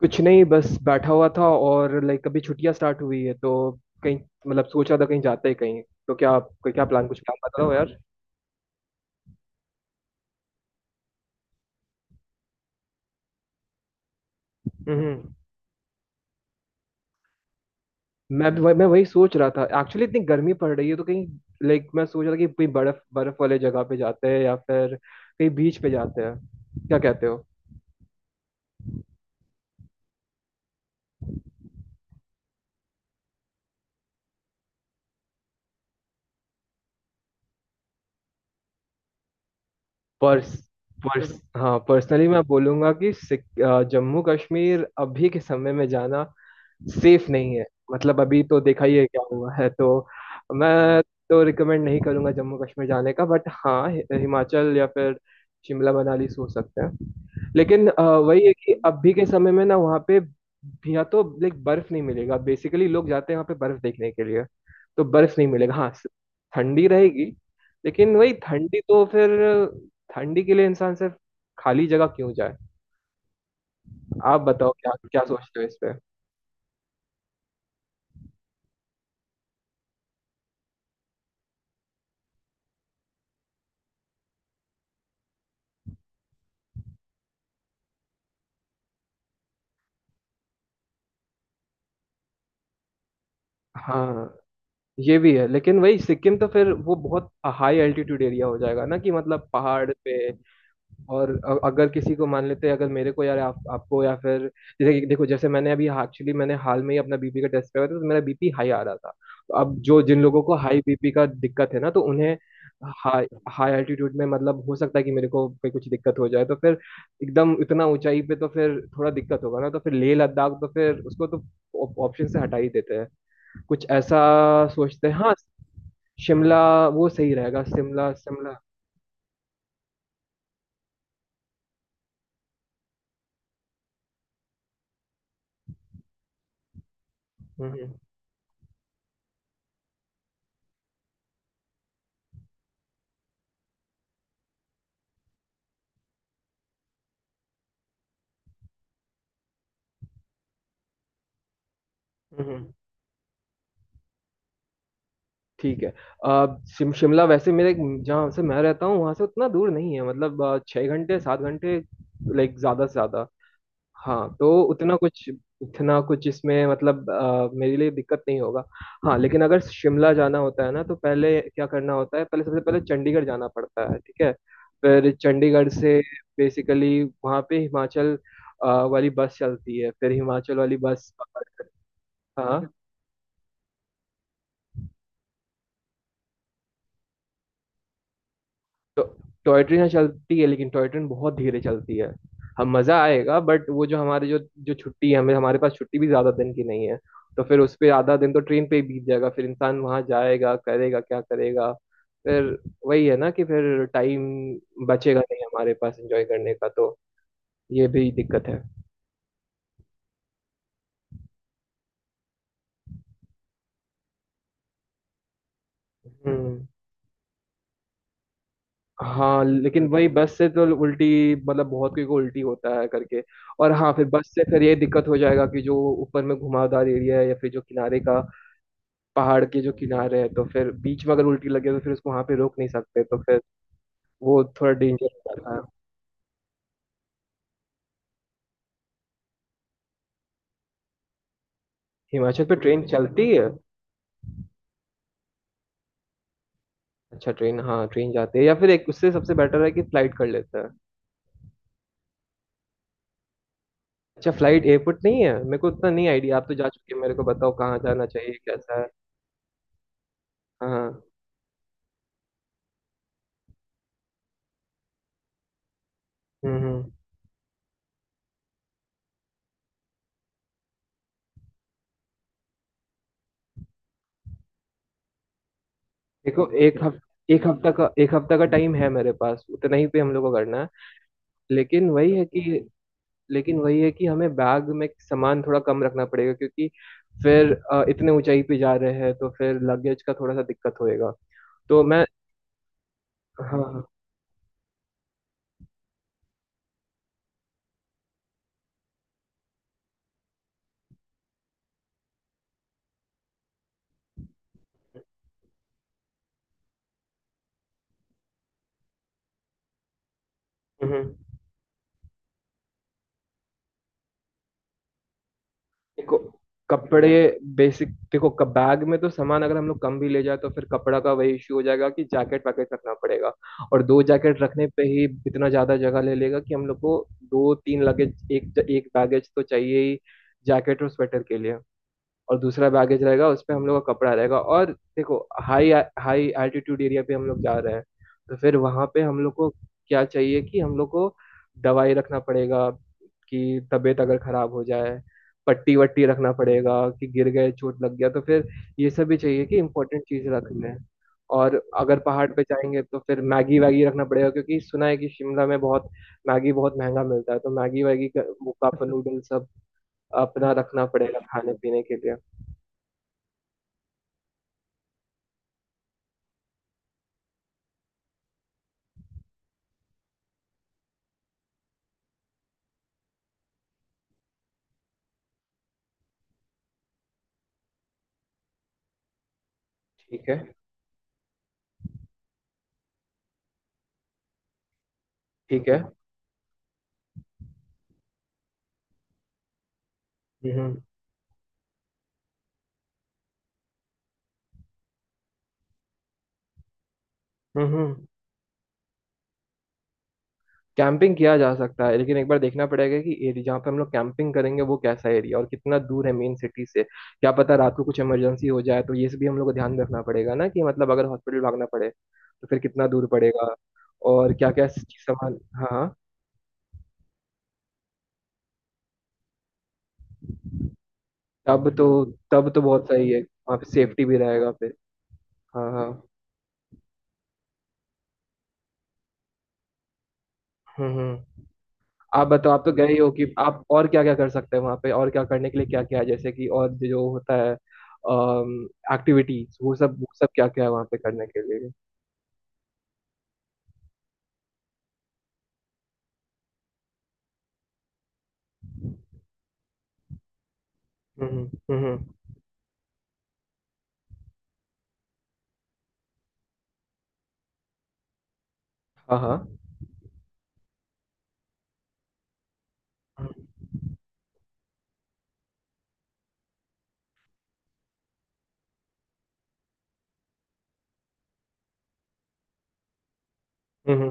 कुछ नहीं, बस बैठा हुआ था। और अभी छुट्टियां स्टार्ट हुई है तो कहीं, सोच रहा था कहीं जाते हैं कहीं। तो क्या आप कोई, क्या प्लान, कुछ प्लान बताओ यार। हम्म। मैं वही सोच रहा था, एक्चुअली इतनी गर्मी पड़ रही है तो कहीं, मैं सोच रहा था कि कोई बर्फ बर्फ वाले जगह पे जाते हैं या फिर कहीं बीच पे जाते हैं। क्या कहते हो? पर्स पर्स हाँ, पर्सनली मैं बोलूंगा कि जम्मू कश्मीर अभी के समय में जाना सेफ नहीं है। मतलब अभी तो देखा ही है क्या हुआ है, तो मैं तो रिकमेंड नहीं करूंगा जम्मू कश्मीर जाने का। बट हाँ, हिमाचल या फिर शिमला मनाली सोच सकते हैं। लेकिन वही है कि अभी के समय में ना वहाँ पे या तो बर्फ नहीं मिलेगा। बेसिकली लोग जाते हैं वहाँ पे बर्फ देखने के लिए, तो बर्फ नहीं मिलेगा। हाँ, ठंडी रहेगी। लेकिन वही, ठंडी तो फिर, ठंडी के लिए इंसान सिर्फ खाली जगह क्यों जाए? आप बताओ क्या क्या सोचते हो इस पे। हाँ, ये भी है लेकिन वही सिक्किम तो फिर वो बहुत हाई एल्टीट्यूड एरिया हो जाएगा ना, कि मतलब पहाड़ पे। और अगर किसी को मान लेते हैं, अगर मेरे को, यार आप, आपको या फिर देखो, जैसे मैंने अभी एक्चुअली मैंने हाल में ही अपना बीपी का टेस्ट करवाया था, तो मेरा बीपी हाई आ रहा था। तो अब जो जिन लोगों को हाई बीपी का दिक्कत है ना, तो उन्हें हाई हाई एल्टीट्यूड में, मतलब हो सकता है कि मेरे को कोई कुछ दिक्कत हो जाए, तो फिर एकदम इतना ऊंचाई पे तो फिर थोड़ा दिक्कत होगा ना। तो फिर लेह लद्दाख तो फिर उसको तो ऑप्शन से हटा ही देते हैं। कुछ ऐसा सोचते हैं, हाँ। शिमला, वो सही रहेगा, शिमला शिमला। हम्म। हम्म। हम्म, ठीक है। अ, शिमला वैसे मेरे, जहाँ से मैं रहता हूँ वहाँ से उतना दूर नहीं है, मतलब 6 घंटे 7 घंटे, ज़्यादा से ज़्यादा। हाँ, तो उतना कुछ, उतना कुछ इसमें मतलब मेरे लिए दिक्कत नहीं होगा। हाँ लेकिन अगर शिमला जाना होता है ना, तो पहले क्या करना होता है, पहले सबसे पहले चंडीगढ़ जाना पड़ता है, ठीक है? फिर चंडीगढ़ से बेसिकली वहाँ पे हिमाचल अ, वाली बस चलती है, फिर हिमाचल वाली बस। हाँ। तो टॉय ट्रेन यहाँ चलती है लेकिन टॉय ट्रेन बहुत धीरे चलती है। हम, मजा आएगा बट वो जो हमारे, जो, जो छुट्टी है, हमें हमारे पास छुट्टी भी ज्यादा दिन की नहीं है। तो फिर उस पे आधा दिन तो ट्रेन पे ही बीत जाएगा, फिर इंसान वहां जाएगा करेगा क्या करेगा? फिर वही है ना, कि फिर टाइम बचेगा नहीं हमारे पास एंजॉय करने का। तो ये भी दिक्कत है। हम्म। हाँ लेकिन वही, बस से तो उल्टी, मतलब बहुत कोई को उल्टी होता है करके। और हाँ, फिर बस से फिर ये दिक्कत हो जाएगा कि जो ऊपर में घुमावदार एरिया है या फिर जो किनारे का, पहाड़ के जो किनारे हैं, तो फिर बीच में अगर उल्टी लगे तो फिर उसको वहां पे रोक नहीं सकते, तो फिर वो थोड़ा डेंजर हो जाता है। हिमाचल पे ट्रेन चलती है? अच्छा, ट्रेन, हाँ ट्रेन जाती है, या फिर एक उससे सबसे बेटर है कि फ्लाइट कर लेते हैं। अच्छा, फ्लाइट, एयरपोर्ट नहीं है? मेरे को उतना नहीं आइडिया, आप तो जा चुके हैं, मेरे को बताओ कहाँ जाना चाहिए, कैसा है। हाँ, हाँ। हम्म। देखो एक हफ्ता का टाइम है मेरे पास, उतना ही पे हम लोग को करना है। लेकिन वही है कि, हमें बैग में सामान थोड़ा कम रखना पड़ेगा, क्योंकि फिर इतने ऊंचाई पे जा रहे हैं तो फिर लगेज का थोड़ा सा दिक्कत होएगा। तो मैं, हाँ, हाँ, हम्म। देखो कपड़े, बेसिक देखो, कब बैग में तो सामान अगर हम लोग कम भी ले जाए तो फिर कपड़ा का वही इश्यू हो जाएगा कि जैकेट वैकेट रखना पड़ेगा। और दो जैकेट रखने पे ही इतना ज्यादा जगह ले लेगा कि हम लोग को दो तीन लगेज, एक एक बैगेज तो चाहिए ही, जैकेट और स्वेटर के लिए। और दूसरा बैगेज रहेगा उसपे हम लोग का कपड़ा रहेगा। और देखो, हाई हाई एल्टीट्यूड एरिया पे हम लोग जा रहे हैं, तो फिर वहां पे हम लोग को क्या चाहिए, कि हम लोग को दवाई रखना पड़ेगा कि तबीयत अगर खराब हो जाए, पट्टी वट्टी रखना पड़ेगा कि गिर गए, चोट लग गया तो फिर, ये सब भी चाहिए कि इम्पोर्टेंट चीज रख लें। और अगर पहाड़ पे जाएंगे तो फिर मैगी वैगी रखना पड़ेगा, क्योंकि सुना है कि शिमला में बहुत मैगी, बहुत महंगा मिलता है, तो मैगी वैगी का, मुक्का नूडल सब अपना रखना पड़ेगा खाने पीने के लिए। ठीक है, ठीक है। हम्म, हम्म। कैंपिंग किया जा सकता है लेकिन एक बार देखना पड़ेगा कि एरिया जहाँ पे हम लोग कैंपिंग करेंगे वो कैसा एरिया, और कितना दूर है मेन सिटी से, क्या पता रात को कुछ इमरजेंसी हो जाए, तो ये सब भी हम लोग को ध्यान में रखना पड़ेगा ना, कि मतलब अगर हॉस्पिटल भागना पड़े तो फिर कितना दूर पड़ेगा। और क्या क्या सामान, हाँ, हाँ, तब तो, तब तो बहुत सही है, वहाँ पे सेफ्टी भी रहेगा फिर। हाँ, हाँ। हम्म, हम्म। आप बताओ, आप तो गए ही हो कि आप, और क्या क्या कर सकते हैं वहाँ पे, और क्या करने के लिए क्या क्या है, जैसे कि और जो होता है एक्टिविटीज, वो सब, वो सब क्या क्या है वहाँ पे करने के लिए? हम्म, हम्म। हाँ, हाँ। हम्म।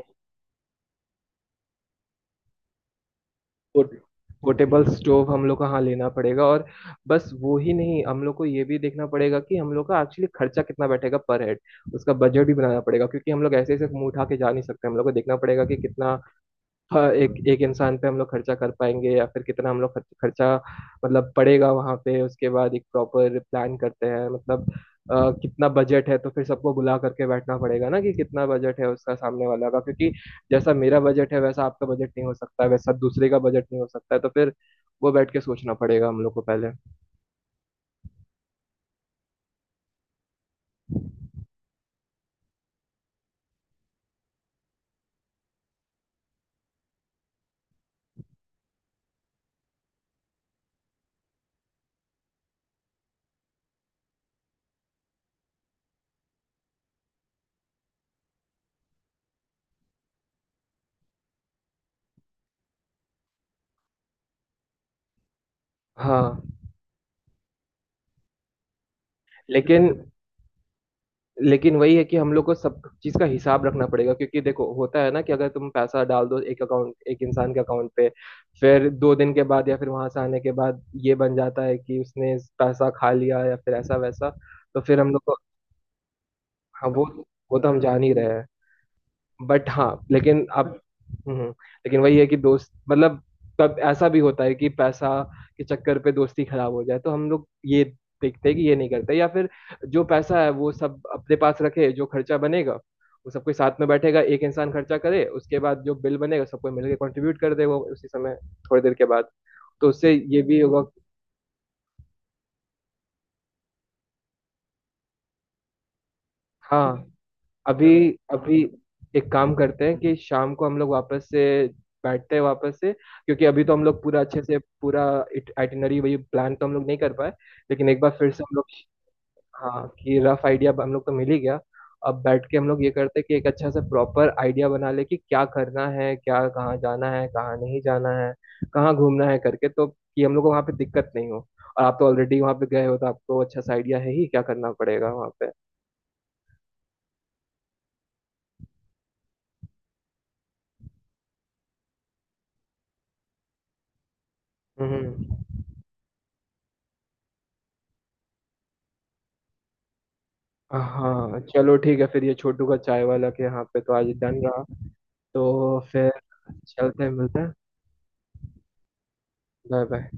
पोर्टेबल स्टोव हम लोग को हाँ लेना पड़ेगा। और बस वो ही नहीं, हम लोग को ये भी देखना पड़ेगा कि हम लोग का एक्चुअली खर्चा कितना बैठेगा पर हेड, उसका बजट भी बनाना पड़ेगा, क्योंकि हम लोग ऐसे ऐसे मुंह उठा के जा नहीं सकते, हम लोग को देखना पड़ेगा कि कितना, हाँ एक एक इंसान पे हम लोग खर्चा कर पाएंगे, या फिर कितना हम लोग खर्च, खर्चा मतलब पड़ेगा वहां पे। उसके बाद एक प्रॉपर प्लान करते हैं, मतलब कितना बजट है, तो फिर सबको बुला करके बैठना पड़ेगा ना कि कितना बजट है उसका, सामने वाला का, क्योंकि जैसा मेरा बजट है वैसा आपका बजट नहीं हो सकता है, वैसा दूसरे का बजट नहीं हो सकता है, तो फिर वो बैठ के सोचना पड़ेगा हम लोग को पहले। हाँ, लेकिन लेकिन वही है कि हम लोग को सब चीज का हिसाब रखना पड़ेगा, क्योंकि देखो होता है ना कि अगर तुम पैसा डाल दो एक अकाउंट, एक इंसान के अकाउंट पे, फिर 2 दिन के बाद या फिर वहां से आने के बाद ये बन जाता है कि उसने पैसा खा लिया या फिर ऐसा वैसा, तो फिर हम लोग को, हाँ वो तो हम जान ही रहे हैं। बट हाँ लेकिन अब, हम्म, लेकिन वही है कि दोस्त, मतलब कब ऐसा भी होता है कि पैसा के चक्कर पे दोस्ती खराब हो जाए, तो हम लोग ये देखते हैं कि ये नहीं करते, या फिर जो पैसा है वो सब अपने पास रखे, जो खर्चा बनेगा वो सबके साथ में बैठेगा, एक इंसान खर्चा करे, उसके बाद जो बिल बनेगा सबको मिलकर कंट्रीब्यूट कर देगा उसी समय, थोड़ी देर के बाद, तो उससे ये भी होगा। हाँ, अभी अभी एक काम करते हैं कि शाम को हम लोग वापस से बैठते हैं वापस से, क्योंकि अभी तो हम लोग पूरा अच्छे से पूरा आइटिनरी वही प्लान तो हम लोग नहीं कर पाए, लेकिन एक बार फिर से हम लोग, हाँ कि रफ आइडिया हम लोग तो मिल ही गया। अब बैठ के हम लोग ये करते हैं कि एक अच्छा सा प्रॉपर आइडिया बना ले, कि क्या करना है, क्या कहाँ जाना है, कहाँ नहीं जाना है, कहाँ घूमना है करके, तो कि हम लोग को वहाँ पे दिक्कत नहीं हो। और आप तो ऑलरेडी वहाँ पे गए हो तो आपको अच्छा सा आइडिया है ही क्या करना पड़ेगा वहाँ पे। हम्म। हाँ चलो, ठीक है फिर, ये छोटू का चाय वाला के यहाँ पे तो आज डन रहा। तो फिर चलते हैं, मिलते हैं। Bye, bye.